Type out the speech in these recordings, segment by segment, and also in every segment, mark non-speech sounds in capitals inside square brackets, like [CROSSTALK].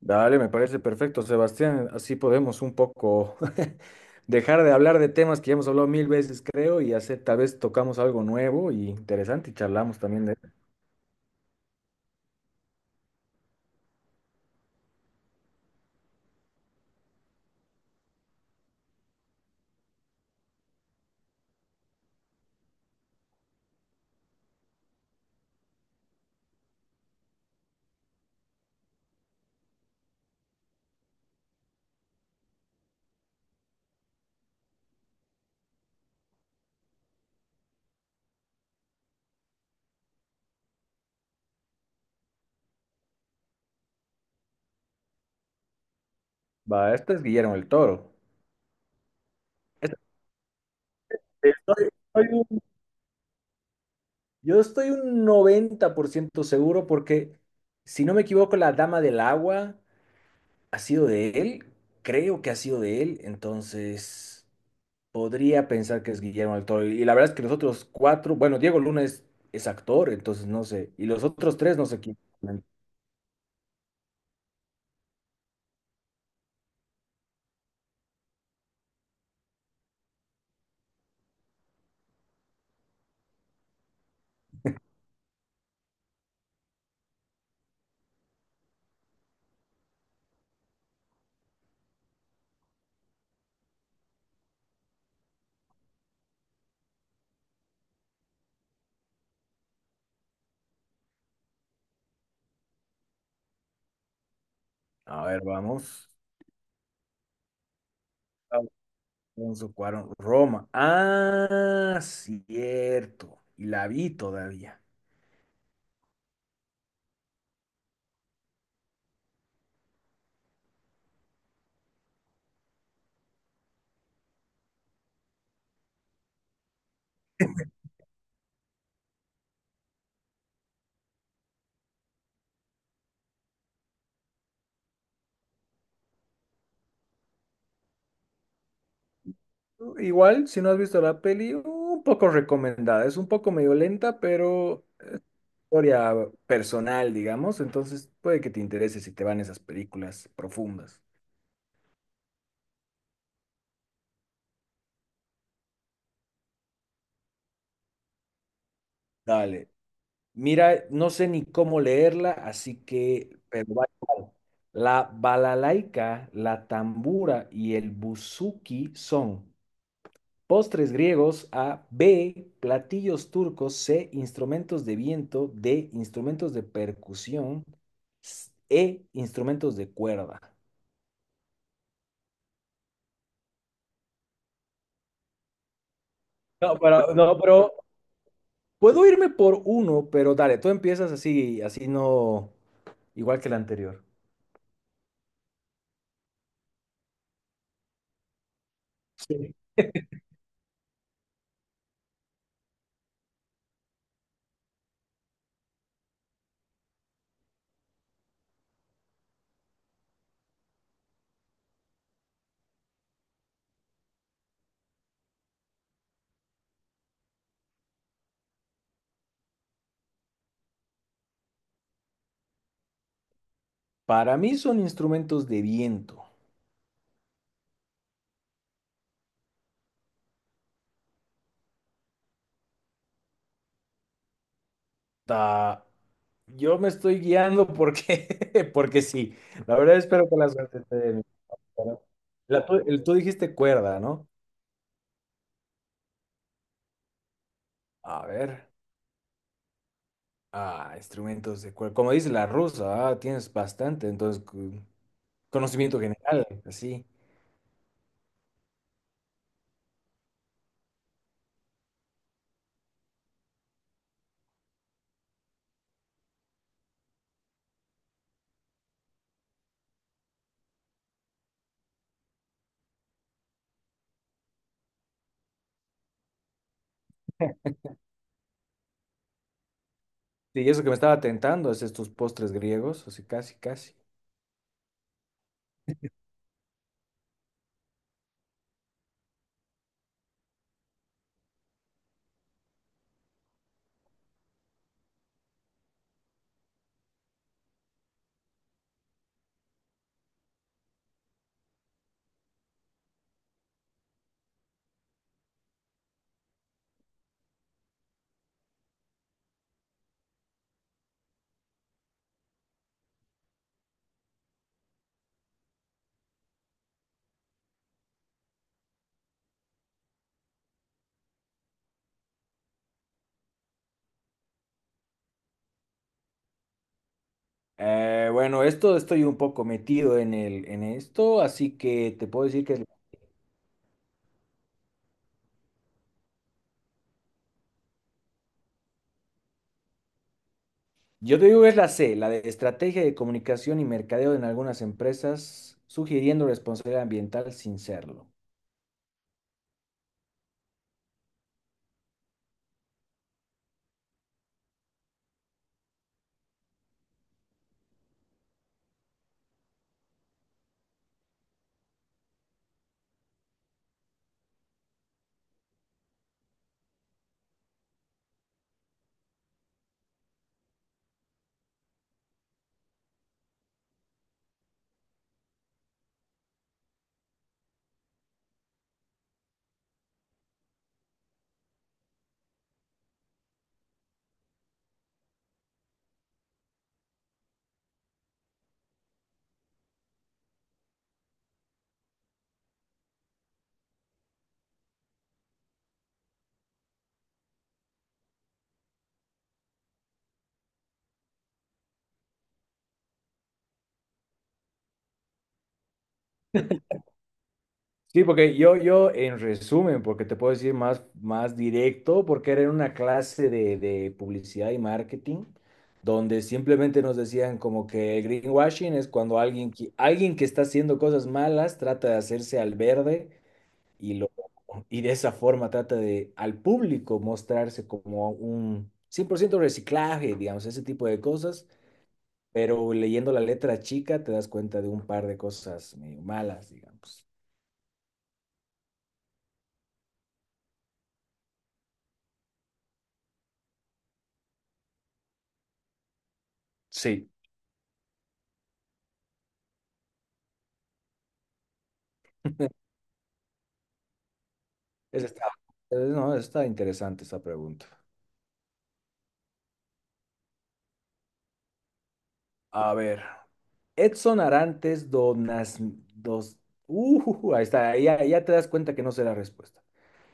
Dale, me parece perfecto, Sebastián. Así podemos un poco [LAUGHS] dejar de hablar de temas que ya hemos hablado 1000 veces, creo, y hacer, tal vez tocamos algo nuevo y interesante y charlamos también de... Va, este es Guillermo el Toro. Este- Estoy- estoy un- estoy un 90% seguro porque, si no me equivoco, la Dama del Agua ha sido de él, creo que ha sido de él, entonces... Podría pensar que es Guillermo del Toro. Y la verdad es que los otros cuatro, bueno, Diego Luna es actor, entonces no sé. Y los otros tres no sé quién. A ver, vamos. Alfonso Cuarón, Roma. Ah, cierto. Y la vi todavía. Igual, si no has visto la peli, un poco recomendada. Es un poco medio lenta, pero historia personal, digamos. Entonces puede que te interese si te van esas películas profundas. Dale. Mira, no sé ni cómo leerla, así que, pero va igual. La balalaika, la tambura y el buzuki son postres griegos A, B, platillos turcos C, instrumentos de viento D, instrumentos de percusión E, instrumentos de cuerda. No, pero puedo irme por uno, pero dale, tú empiezas así, así no, igual que el anterior. Para mí son instrumentos de viento. Ah, yo me estoy guiando porque, [LAUGHS] porque sí. La verdad espero que la suerte esté de mi lado. Tú dijiste cuerda, ¿no? A ver. Ah, instrumentos de cuerda. Como dice la rusa, ah, tienes bastante, entonces conocimiento general, así. Sí, y eso que me estaba tentando es estos postres griegos, así casi, casi. Bueno, esto estoy un poco metido en esto, así que te puedo decir que yo te digo que es la C, la de estrategia de comunicación y mercadeo en algunas empresas, sugiriendo responsabilidad ambiental sin serlo. Sí, porque yo en resumen, porque te puedo decir más directo, porque era en una clase de publicidad y marketing, donde simplemente nos decían como que el greenwashing es cuando alguien, alguien que está haciendo cosas malas trata de hacerse al verde y de esa forma trata de al público mostrarse como un 100% reciclaje, digamos, ese tipo de cosas, pero leyendo la letra chica te das cuenta de un par de cosas medio malas, digamos. Sí. Es- Está, no, Está interesante esa pregunta. A ver, Edson Arantes Donas, dos, ahí está, ya te das cuenta que no sé la respuesta.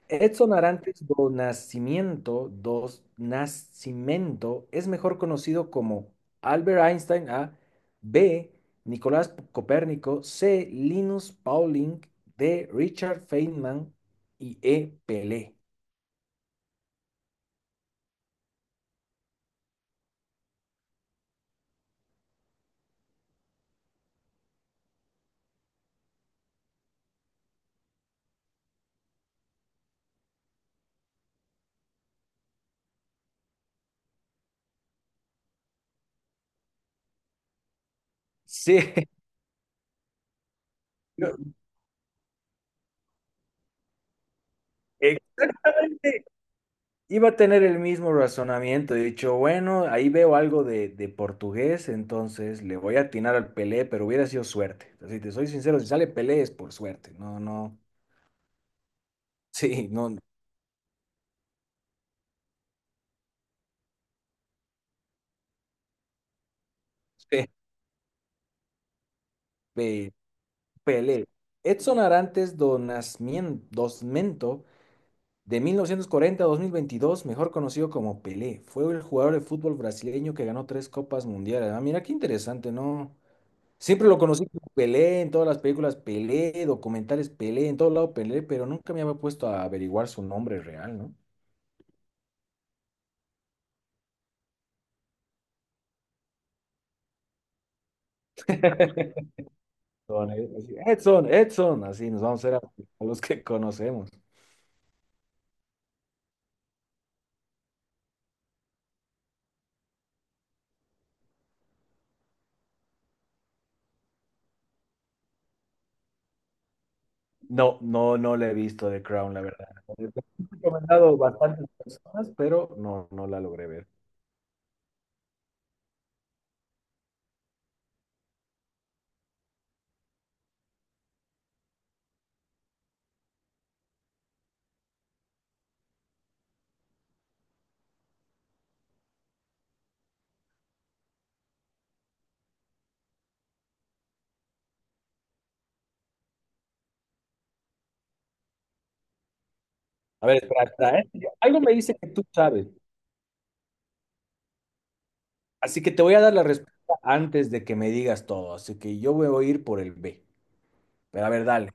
Edson Arantes do Nascimento, dos Nascimento, es mejor conocido como Albert Einstein A, B, Nicolás Copérnico, C, Linus Pauling, D, Richard Feynman y E, Pelé. Sí, [LAUGHS] yo exactamente iba a tener el mismo razonamiento. He dicho, bueno, ahí veo algo de portugués, entonces le voy a atinar al Pelé, pero hubiera sido suerte. Si te soy sincero, si sale Pelé es por suerte. No, no. [LAUGHS] Sí, no. Pe- pe- Pelé. Edson Arantes do Nascimento Dosmento, de 1940 a 2022, mejor conocido como Pelé, fue el jugador de fútbol brasileño que ganó tres copas mundiales. Ah, mira qué interesante, ¿no? Siempre lo conocí como Pelé, en todas las películas Pelé, documentales Pelé, en todo lado Pelé, pero nunca me había puesto a averiguar su nombre real, ¿no? Son- Edson, Edson, así nos vamos a hacer a los que conocemos. No, no la he visto de Crown, la verdad. Me han recomendado bastantes personas, pero no, no la logré ver. A ver, espera, espera, ¿eh? Algo me dice que tú sabes, así que te voy a dar la respuesta antes de que me digas todo, así que yo voy a ir por el B. Pero a ver, dale.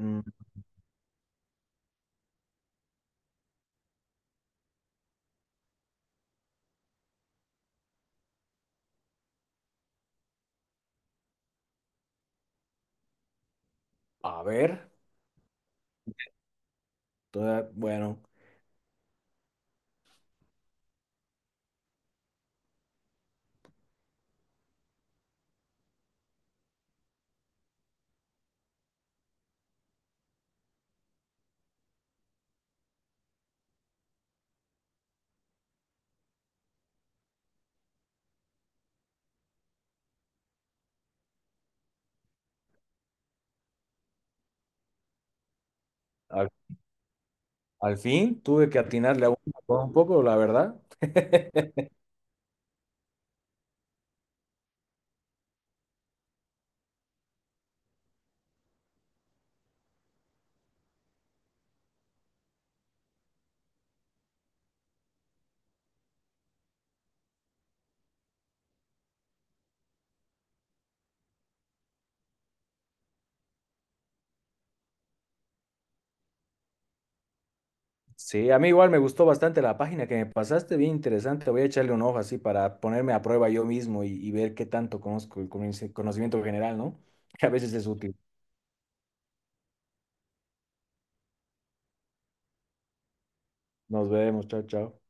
Mm, a ver, bueno, al, al fin tuve que atinarle a uno por un poco, la verdad. [LAUGHS] Sí, a mí igual me gustó bastante la página que me pasaste, bien interesante. Voy a echarle un ojo así para ponerme a prueba yo mismo y ver qué tanto conozco el conocimiento general, ¿no? [LAUGHS] Que a veces es útil. Nos vemos, chao, chao.